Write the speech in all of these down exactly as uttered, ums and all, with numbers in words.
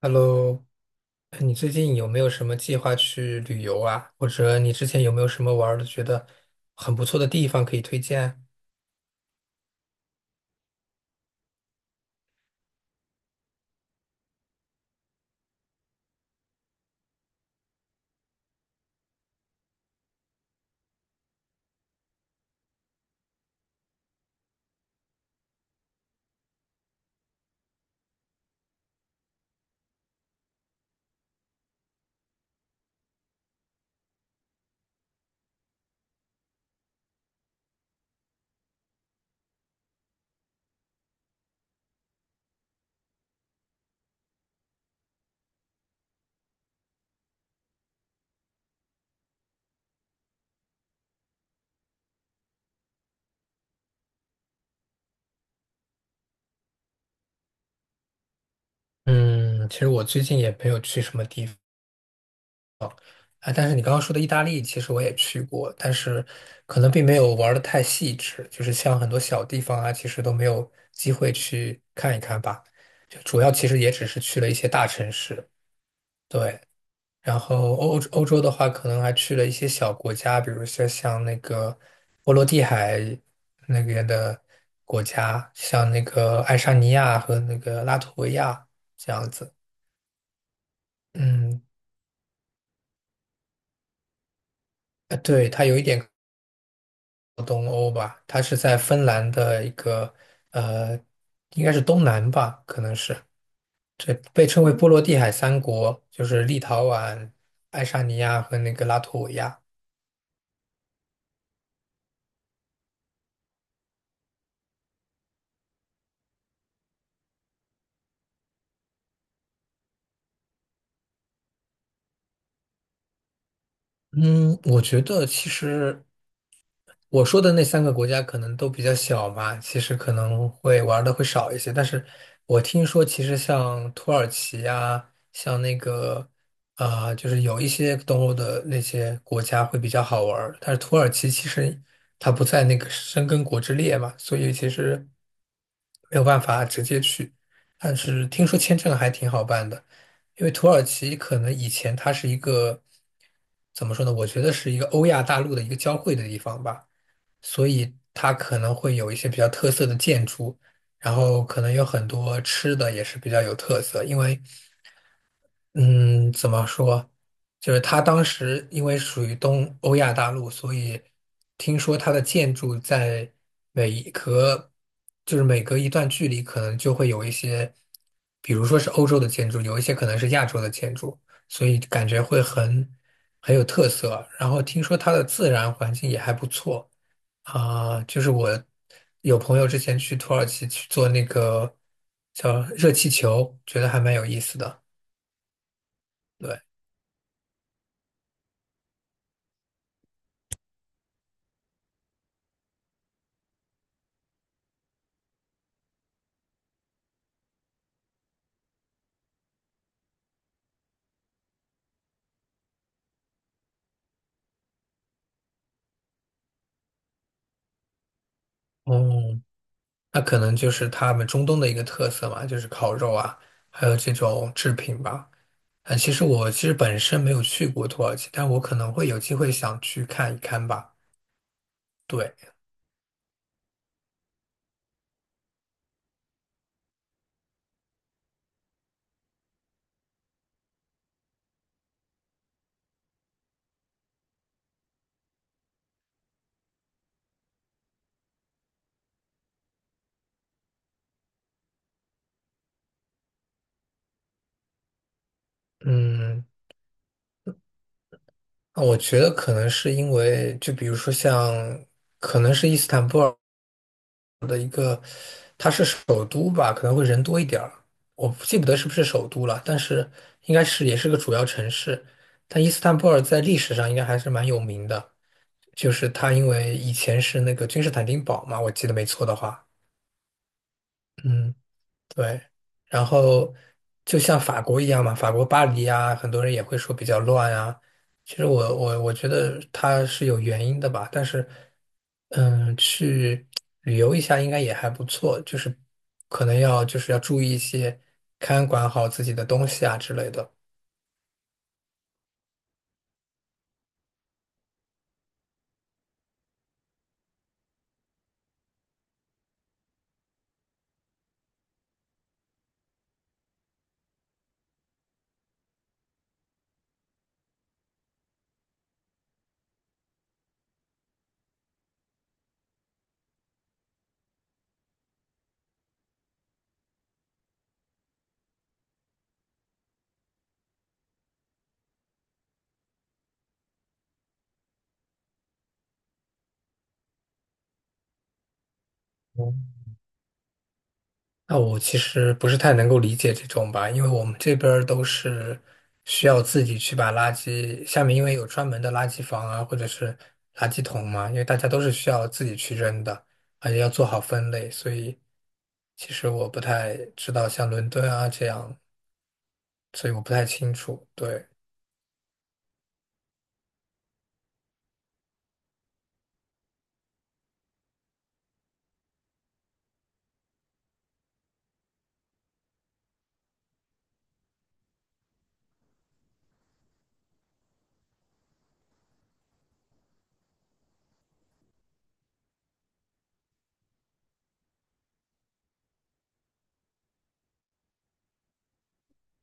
Hello，哎你最近有没有什么计划去旅游啊？或者你之前有没有什么玩儿的觉得很不错的地方可以推荐？嗯，其实我最近也没有去什么地方啊，但是你刚刚说的意大利，其实我也去过，但是可能并没有玩的太细致，就是像很多小地方啊，其实都没有机会去看一看吧。就主要其实也只是去了一些大城市，对。然后欧欧洲的话，可能还去了一些小国家，比如说像那个波罗的海那边的国家，像那个爱沙尼亚和那个拉脱维亚这样子。嗯，呃对，它有一点靠东欧吧，它是在芬兰的一个呃，应该是东南吧，可能是这被称为波罗的海三国，就是立陶宛、爱沙尼亚和那个拉脱维亚。嗯，我觉得其实。我说的那三个国家可能都比较小嘛，其实可能会玩的会少一些。但是我听说，其实像土耳其啊，像那个啊、就是有一些东欧的那些国家会比较好玩儿但是土耳其其实它不在那个申根国之列嘛，所以其实没有办法直接去。但是听说签证还挺好办的，因为土耳其可能以前它是一个怎么说呢？我觉得是一个欧亚大陆的一个交汇的地方吧。所以它可能会有一些比较特色的建筑，然后可能有很多吃的也是比较有特色。因为，嗯，怎么说，就是它当时因为属于东欧亚大陆，所以听说它的建筑在每一隔，就是每隔一段距离，可能就会有一些，比如说是欧洲的建筑，有一些可能是亚洲的建筑，所以感觉会很很有特色。然后听说它的自然环境也还不错。啊，就是我有朋友之前去土耳其去做那个叫热气球，觉得还蛮有意思的。对，哦，那可能就是他们中东的一个特色嘛，就是烤肉啊，还有这种制品吧。啊，其实我其实本身没有去过土耳其，但我可能会有机会想去看一看吧。对，嗯，那我觉得可能是因为，就比如说像，可能是伊斯坦布尔。它是首都吧，可能会人多一点儿，我不记不得是不是首都了，但是应该是也是个主要城市。但伊斯坦布尔在历史上应该还是蛮有名的，就是它因为以前是那个君士坦丁堡嘛，我记得没错的话，嗯，对，然后就像法国一样嘛，法国巴黎啊，很多人也会说比较乱啊。其实我我我觉得它是有原因的吧，但是，嗯，去旅游一下应该也还不错，就是可能要就是要注意一些，看管好自己的东西啊之类的。那我其实不是太能够理解这种吧，因为我们这边儿都是需要自己去把垃圾，下面因为有专门的垃圾房啊，或者是垃圾桶嘛，因为大家都是需要自己去扔的，而且要做好分类，所以其实我不太知道像伦敦啊这样，所以我不太清楚。对，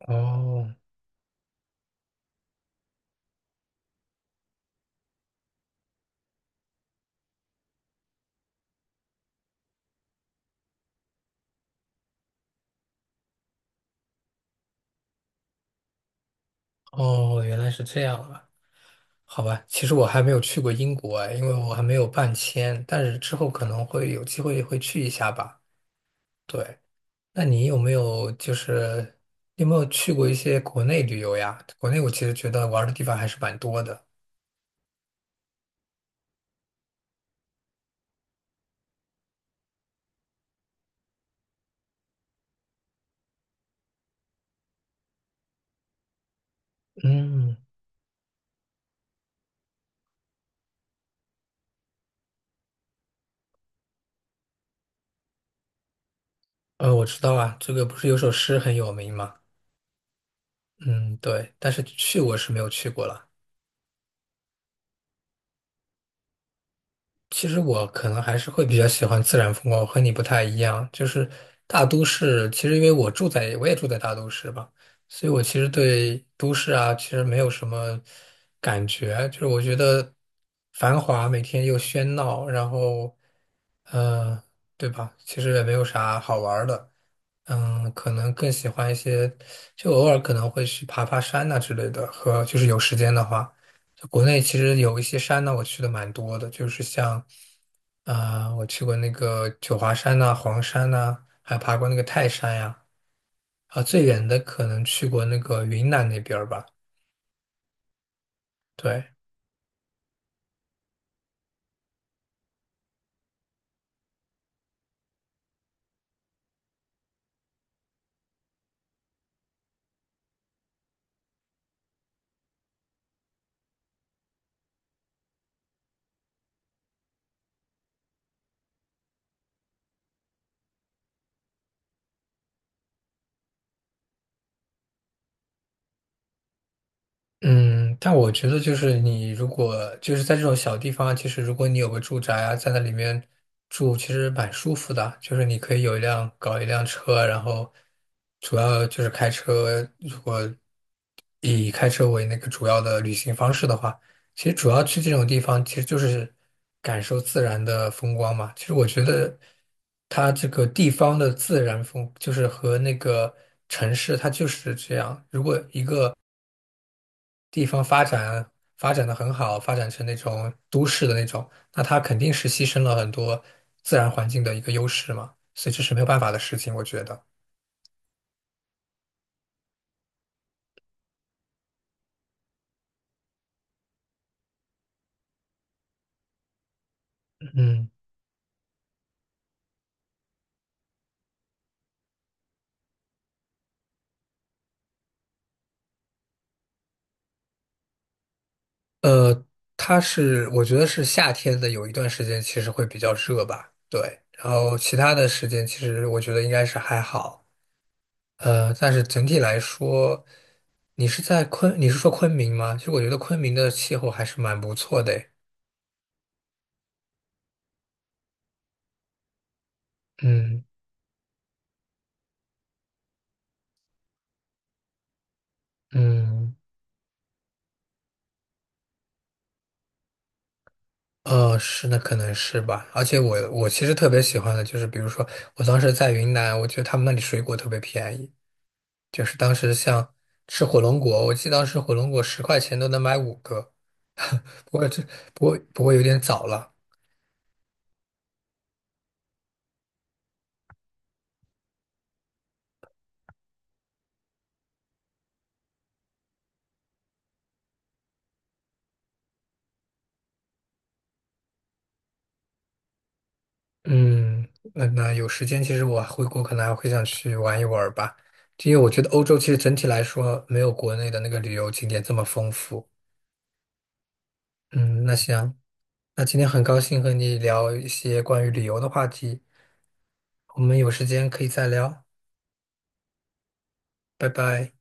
哦哦，原来是这样啊，好吧，其实我还没有去过英国哎，因为我还没有办签，但是之后可能会有机会会去一下吧。对。那你有没有就是有没有去过一些国内旅游呀？国内我其实觉得玩儿的地方还是蛮多的。嗯，呃，我知道啊，这个不是有首诗很有名吗？嗯，对，但是去我是没有去过了。其实我可能还是会比较喜欢自然风光，我和你不太一样。就是大都市，其实因为我住在，我也住在大都市吧，所以我其实对都市啊，其实没有什么感觉。就是我觉得繁华，每天又喧闹，然后，嗯对吧？其实也没有啥好玩儿的。嗯，可能更喜欢一些，就偶尔可能会去爬爬山呐、之类的，和就是有时间的话。国内其实有一些山呢，我去的蛮多的，就是像，啊、我去过那个九华山呐、黄山呐、还爬过那个泰山呀、啊，最远的可能去过那个云南那边儿吧，对。嗯，但我觉得就是你如果就是在这种小地方，其实如果你有个住宅啊，在那里面住，其实蛮舒服的。就是你可以有一辆搞一辆车，然后主要就是开车。如果以开车为那个主要的旅行方式的话，其实主要去这种地方，其实就是感受自然的风光嘛。其实我觉得它这个地方的自然风，就是和那个城市它就是这样。如果一个地方发展发展的很好，发展成那种都市的那种，那它肯定是牺牲了很多自然环境的一个优势嘛，所以这是没有办法的事情，我觉得。嗯，呃，它是我觉得是夏天的有一段时间其实会比较热吧，对，然后其他的时间其实我觉得应该是还好，呃，但是整体来说，你是在昆，你是说昆明吗？其实我觉得昆明的气候还是蛮不错的诶。嗯嗯。呃，是的，可能是吧。而且我我其实特别喜欢的就是，比如说我当时在云南，我觉得他们那里水果特别便宜，就是当时像吃火龙果，我记得当时火龙果十块钱都能买五个。不过这不过不过有点早了。嗯，那那有时间，其实我回国可能还会想去玩一玩儿吧，因为我觉得欧洲其实整体来说没有国内的那个旅游景点这么丰富。嗯，那行，那今天很高兴和你聊一些关于旅游的话题。我们有时间可以再聊，拜拜。